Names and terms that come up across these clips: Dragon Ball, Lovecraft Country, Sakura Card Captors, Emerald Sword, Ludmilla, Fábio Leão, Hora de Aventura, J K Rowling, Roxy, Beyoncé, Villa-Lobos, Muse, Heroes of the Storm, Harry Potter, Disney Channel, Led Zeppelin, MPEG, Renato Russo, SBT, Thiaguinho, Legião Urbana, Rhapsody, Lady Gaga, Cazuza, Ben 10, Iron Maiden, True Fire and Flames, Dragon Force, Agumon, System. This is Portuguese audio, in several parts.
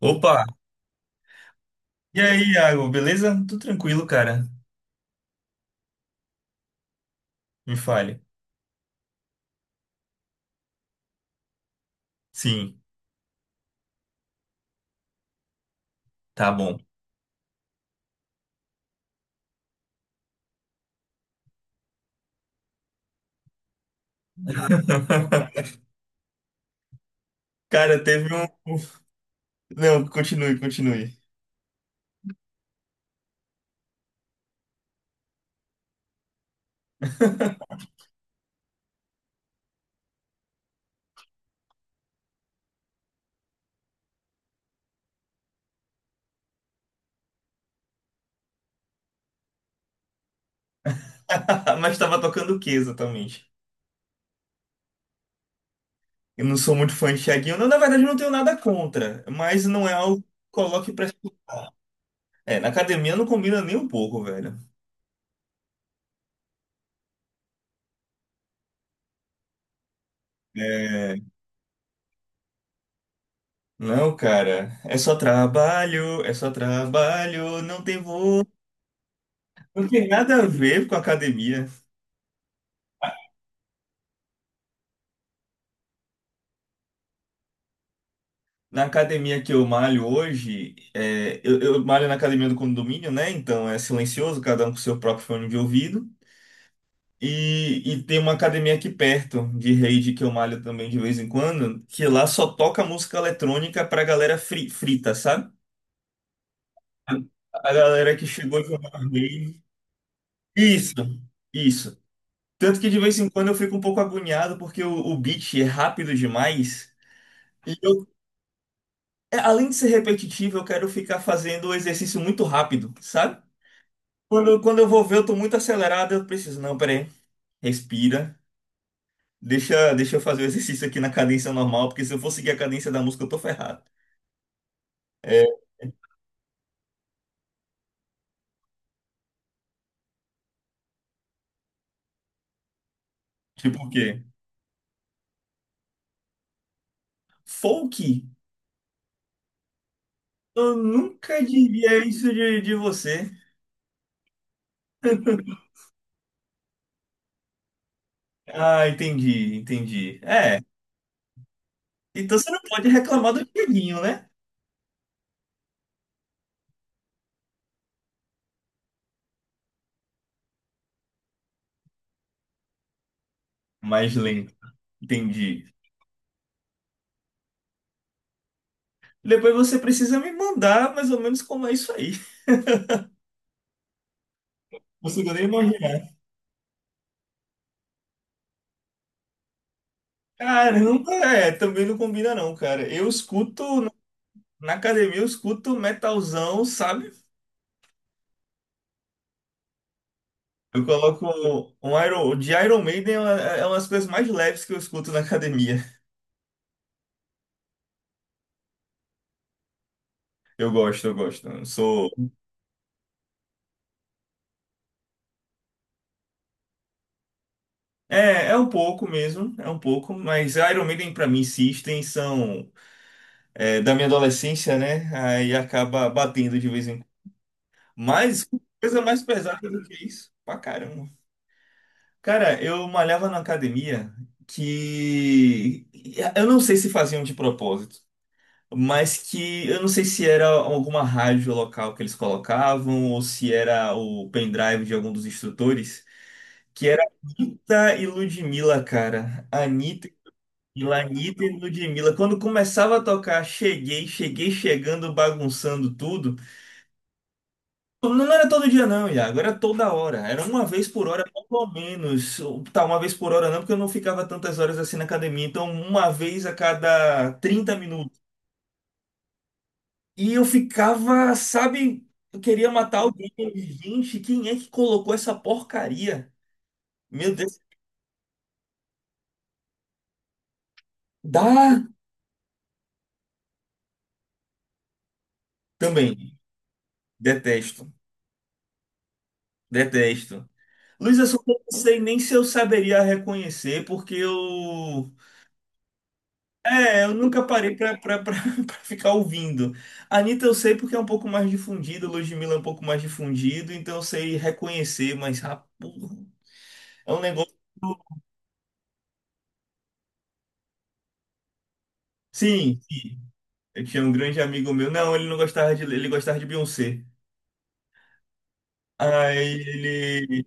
Opa! E aí, Iago, beleza? Tudo tranquilo, cara? Me fale. Sim, tá bom. Cara, teve um. Não, continue, continue. Mas tava tocando o que exatamente? Eu não sou muito fã de Thiaguinho. Não, na verdade, eu não tenho nada contra, mas não é algo que coloque pra. É, na academia não combina nem um pouco, velho. É, não, cara, é só trabalho, não tem voo. Não tem nada a ver com academia. Na academia que eu malho hoje, eu malho na academia do condomínio, né? Então é silencioso, cada um com seu próprio fone de ouvido. E tem uma academia aqui perto de rede que eu malho também de vez em quando, que lá só toca música eletrônica pra galera frita, sabe? A, a galera que chegou de uma rave. Isso, isso. Tanto que de vez em quando eu fico um pouco agoniado porque o beat é rápido demais. E eu, além de ser repetitivo, eu quero ficar fazendo o exercício muito rápido, sabe? Quando eu vou ver, eu tô muito acelerado, eu preciso. Não, peraí. Respira. Deixa eu fazer o exercício aqui na cadência normal, porque se eu for seguir a cadência da música, eu tô ferrado. Tipo o quê? Folk? Eu nunca diria isso de você. Ah, entendi, entendi. É, então você não pode reclamar do Dieguinho, né? Mais lento, entendi. Depois você precisa me mandar mais ou menos como é isso aí. Não consigo nem imaginar. Cara, nunca. Também não combina não, cara. Eu escuto. Na academia eu escuto metalzão, sabe? Eu coloco um Iron, de Iron Maiden é uma, das coisas mais leves que eu escuto na academia. Eu gosto, eu gosto. Eu sou. É um pouco mesmo, é um pouco, mas Iron Maiden pra mim, System são, da minha adolescência, né? Aí acaba batendo de vez em quando. Mas coisa mais pesada do que isso, pra caramba. Cara, eu malhava na academia que eu não sei se faziam de propósito. Mas que eu não sei se era alguma rádio local que eles colocavam ou se era o pendrive de algum dos instrutores, que era Anitta e Ludmilla, cara. Anitta e Ludmilla, Anitta e Ludmilla. Quando começava a tocar, cheguei, cheguei chegando, bagunçando tudo. Não era todo dia não, Iago, era toda hora. Era uma vez por hora, pelo menos. Tá, uma vez por hora não, porque eu não ficava tantas horas assim na academia. Então, uma vez a cada 30 minutos. E eu ficava, sabe, eu queria matar alguém. Gente, quem é que colocou essa porcaria? Meu Deus. Dá também. Detesto. Detesto. Luiz Assunção, eu não sei nem se eu saberia reconhecer, porque eu. É, eu nunca parei pra, pra ficar ouvindo. Anitta eu sei porque é um pouco mais difundido, Ludmilla é um pouco mais difundido, então eu sei reconhecer, mas ah, porra, é um negócio. Sim, sim. Eu tinha um grande amigo meu. Não, ele não gostava de. Ele gostava de Beyoncé. Aí ele.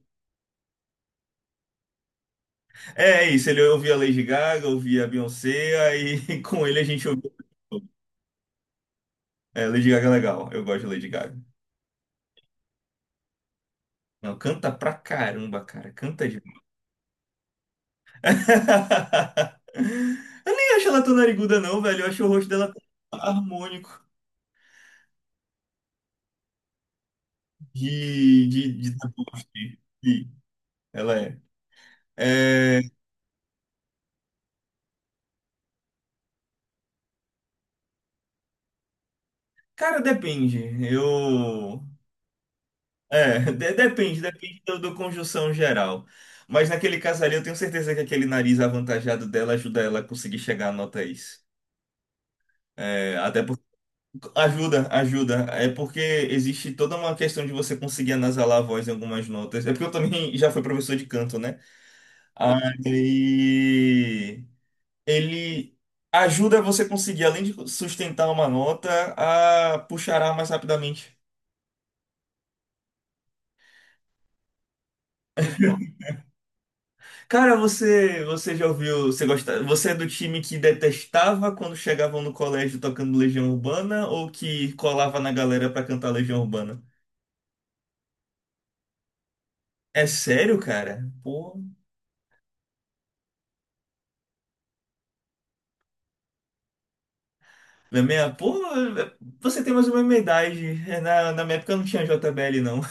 É, isso, ele ouvia Lady Gaga, ouvia Beyoncé, aí com ele a gente ouvia. É, Lady Gaga é legal, eu gosto de Lady Gaga. Não, canta pra caramba, cara, canta demais. Eu nem acho ela tão nariguda, não, velho, eu acho o rosto dela tão harmônico de deboche. Sim, ela é. É, cara, depende. Eu. É, depende do conjunção geral. Mas naquele caso ali, eu tenho certeza que aquele nariz avantajado dela ajuda ela a conseguir chegar a notas. É, até porque. Ajuda, ajuda. É porque existe toda uma questão de você conseguir anasalar a voz em algumas notas. É porque eu também já fui professor de canto, né? Aí. Ele ajuda você conseguir, além de sustentar uma nota, a puxar ar mais rapidamente. Cara, você já ouviu, você gosta, você é do time que detestava quando chegavam no colégio tocando Legião Urbana ou que colava na galera pra cantar Legião Urbana? É sério, cara? Pô, na minha, pô, você tem mais ou menos minha idade. É, na minha época não tinha J JBL, não.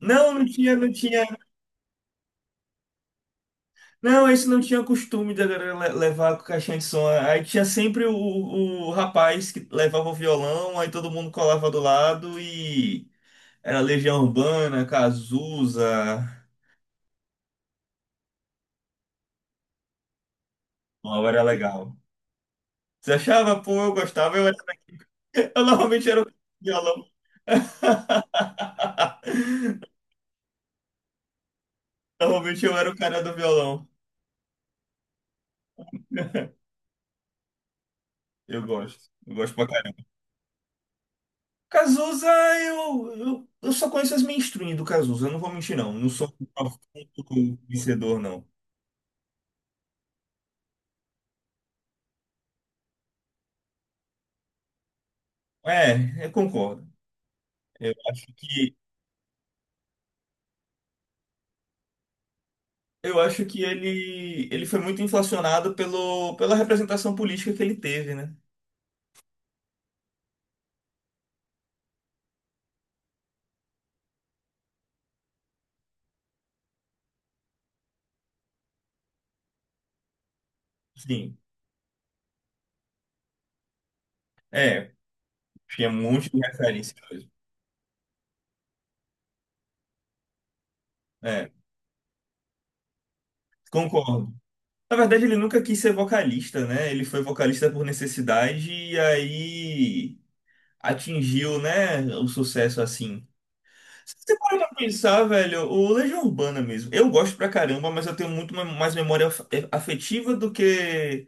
Não, não tinha, não tinha. Não, esse não tinha costume da galera levar com caixinha de som. Aí tinha sempre o rapaz que levava o violão, aí todo mundo colava do lado e era Legião Urbana, Cazuza. Não, era legal. Você achava? Pô, eu gostava. Eu, era- eu normalmente era o cara do violão. Normalmente eu era o cara do violão. Eu gosto. Eu gosto pra caramba. Cazuza, eu só conheço as mainstream do Cazuza. Eu não vou mentir, não. Não sou um profundo vencedor, não. É, eu concordo. Eu acho que, eu acho que ele foi muito inflacionado pelo, pela representação política que ele teve, né? Sim, é, tinha um monte de referência mesmo. É, concordo. Na verdade, ele nunca quis ser vocalista, né? Ele foi vocalista por necessidade e aí atingiu, né, o sucesso assim. Se você parar pra pensar, velho, o Legião Urbana mesmo. Eu gosto pra caramba, mas eu tenho muito mais memória afetiva do que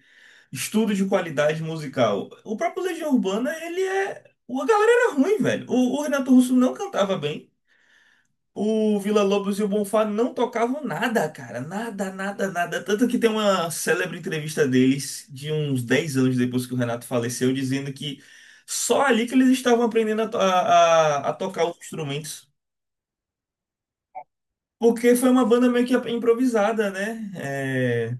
estudo de qualidade musical. O próprio Legião Urbana, ele é. A galera era ruim, velho. O Renato Russo não cantava bem. O Villa-Lobos e o Bonfá não tocavam nada, cara. Nada, nada, nada. Tanto que tem uma célebre entrevista deles, de uns 10 anos depois que o Renato faleceu, dizendo que só ali que eles estavam aprendendo a, to- a- a tocar os instrumentos. Porque foi uma banda meio que improvisada, né? É...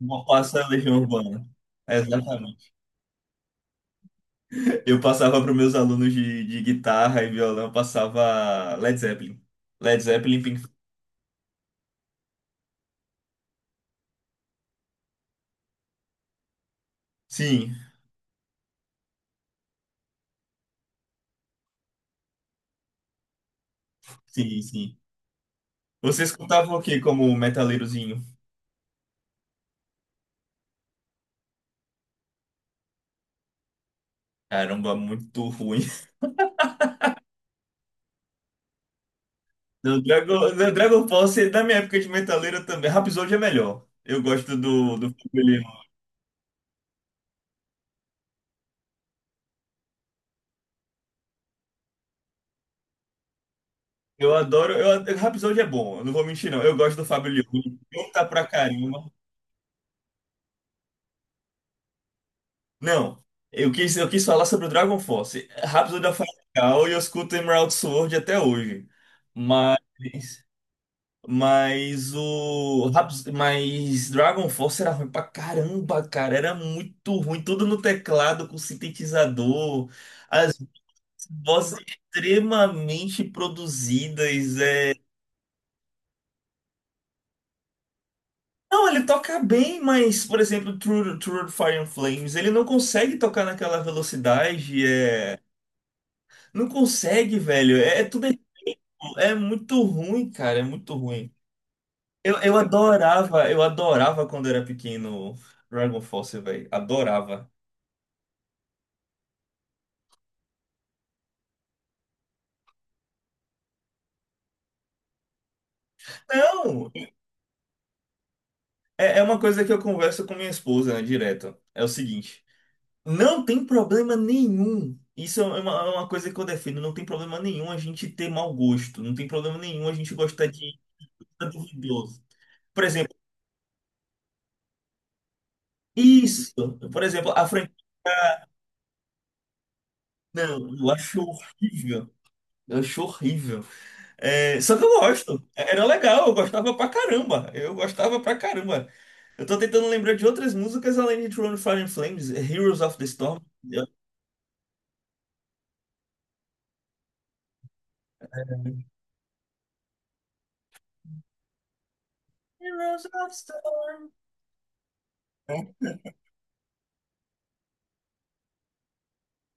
Bonfá e a Legião Urbana. Exatamente. Eu passava para meus alunos de, guitarra e violão, eu passava Led Zeppelin. Led Zeppelin, Pink... Sim, sim, sim. Você escutava o que como metaleirozinho? Caramba, muito ruim. No Dragon, no Dragon Ball, você- na minha época de metaleiro também. Rhapsody é melhor. Eu gosto do Fábio Leão. Eu adoro. Rhapsody é bom, eu não vou mentir, não. Eu gosto do Fábio Leão. Ele canta pra caramba. Não, eu quis falar sobre o Dragon Force. Rhapsody é legal e eu escuto Emerald Sword até hoje. Mas. Mas Dragon Force era ruim pra caramba, cara. Era muito ruim. Tudo no teclado, com sintetizador. As vozes extremamente produzidas. É... Não, ele toca bem, mas, por exemplo, True Fire and Flames, ele não consegue tocar naquela velocidade. Não consegue, velho. É tudo. É muito ruim, cara. É muito ruim. Eu adorava quando era pequeno Dragon Force, velho. Adorava. Não, é uma coisa que eu converso com minha esposa, né, direto. É o seguinte, não tem problema nenhum. Isso é uma, coisa que eu defendo. Não tem problema nenhum a gente ter mau gosto. Não tem problema nenhum a gente gostar de nada duvidoso. Por exemplo, isso. Por exemplo, a franquia. Não, eu acho horrível. Eu acho horrível. É, só que eu gosto. Era legal, eu gostava pra caramba. Eu gostava pra caramba. Eu tô tentando lembrar de outras músicas além de Throne of Fire and Flames, Heroes of the Storm. Heroes of Storm. Né?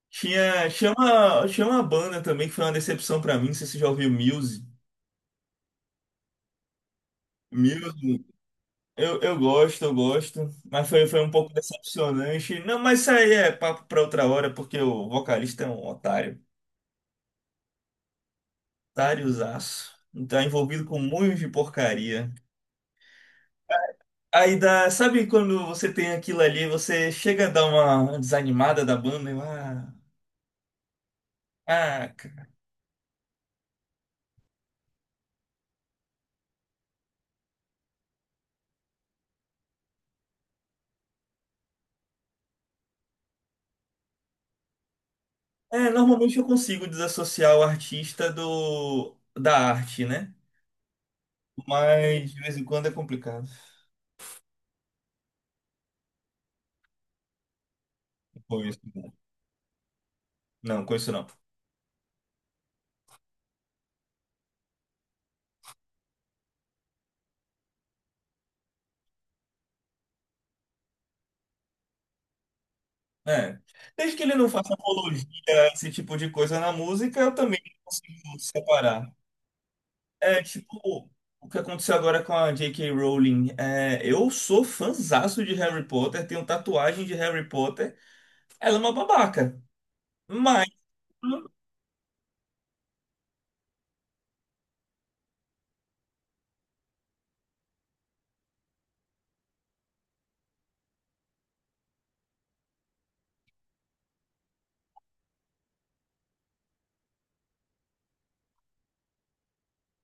Tinha uma banda também que foi uma decepção pra mim, não sei se você já ouviu Muse. Muse, eu gosto, mas foi um pouco decepcionante. Não, mas isso aí é papo pra outra hora, porque o vocalista é um otário. Otáriozaço. Tá envolvido com um monte de porcaria. Aí dá, sabe quando você tem aquilo ali, você chega a dar uma desanimada da banda, e, ah, É, normalmente eu consigo desassociar o artista do da arte, né? Mas de vez em quando é complicado. Conheço não. Não, conheço não. É. Desde que ele não faça apologia a esse tipo de coisa na música, eu também consigo separar. É tipo o que aconteceu agora com a J.K. Rowling. É, eu sou fãzaço de Harry Potter, tenho tatuagem de Harry Potter. Ela é uma babaca. Mas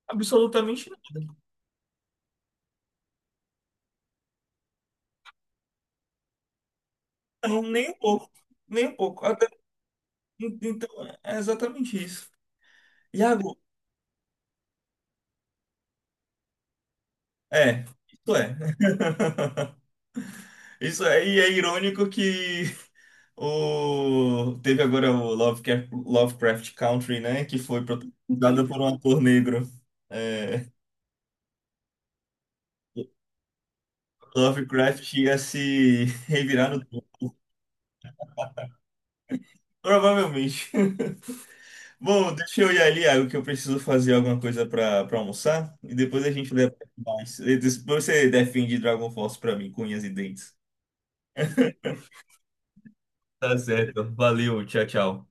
absolutamente nada. Não, nem um pouco. Nem um pouco. Então, é exatamente isso. Iago, isso é. Isso é, e é irônico que o teve agora o Lovecraft, Lovecraft Country, né, que foi protagonizada por um ator negro. É, Lovecraft ia se revirar no túmulo. Provavelmente. Bom, deixa eu ir ali, Iago, que eu preciso fazer alguma coisa para almoçar e depois a gente debate mais. E depois você defende Dragon Force para mim, com unhas e dentes. Tá certo. Valeu, tchau, tchau.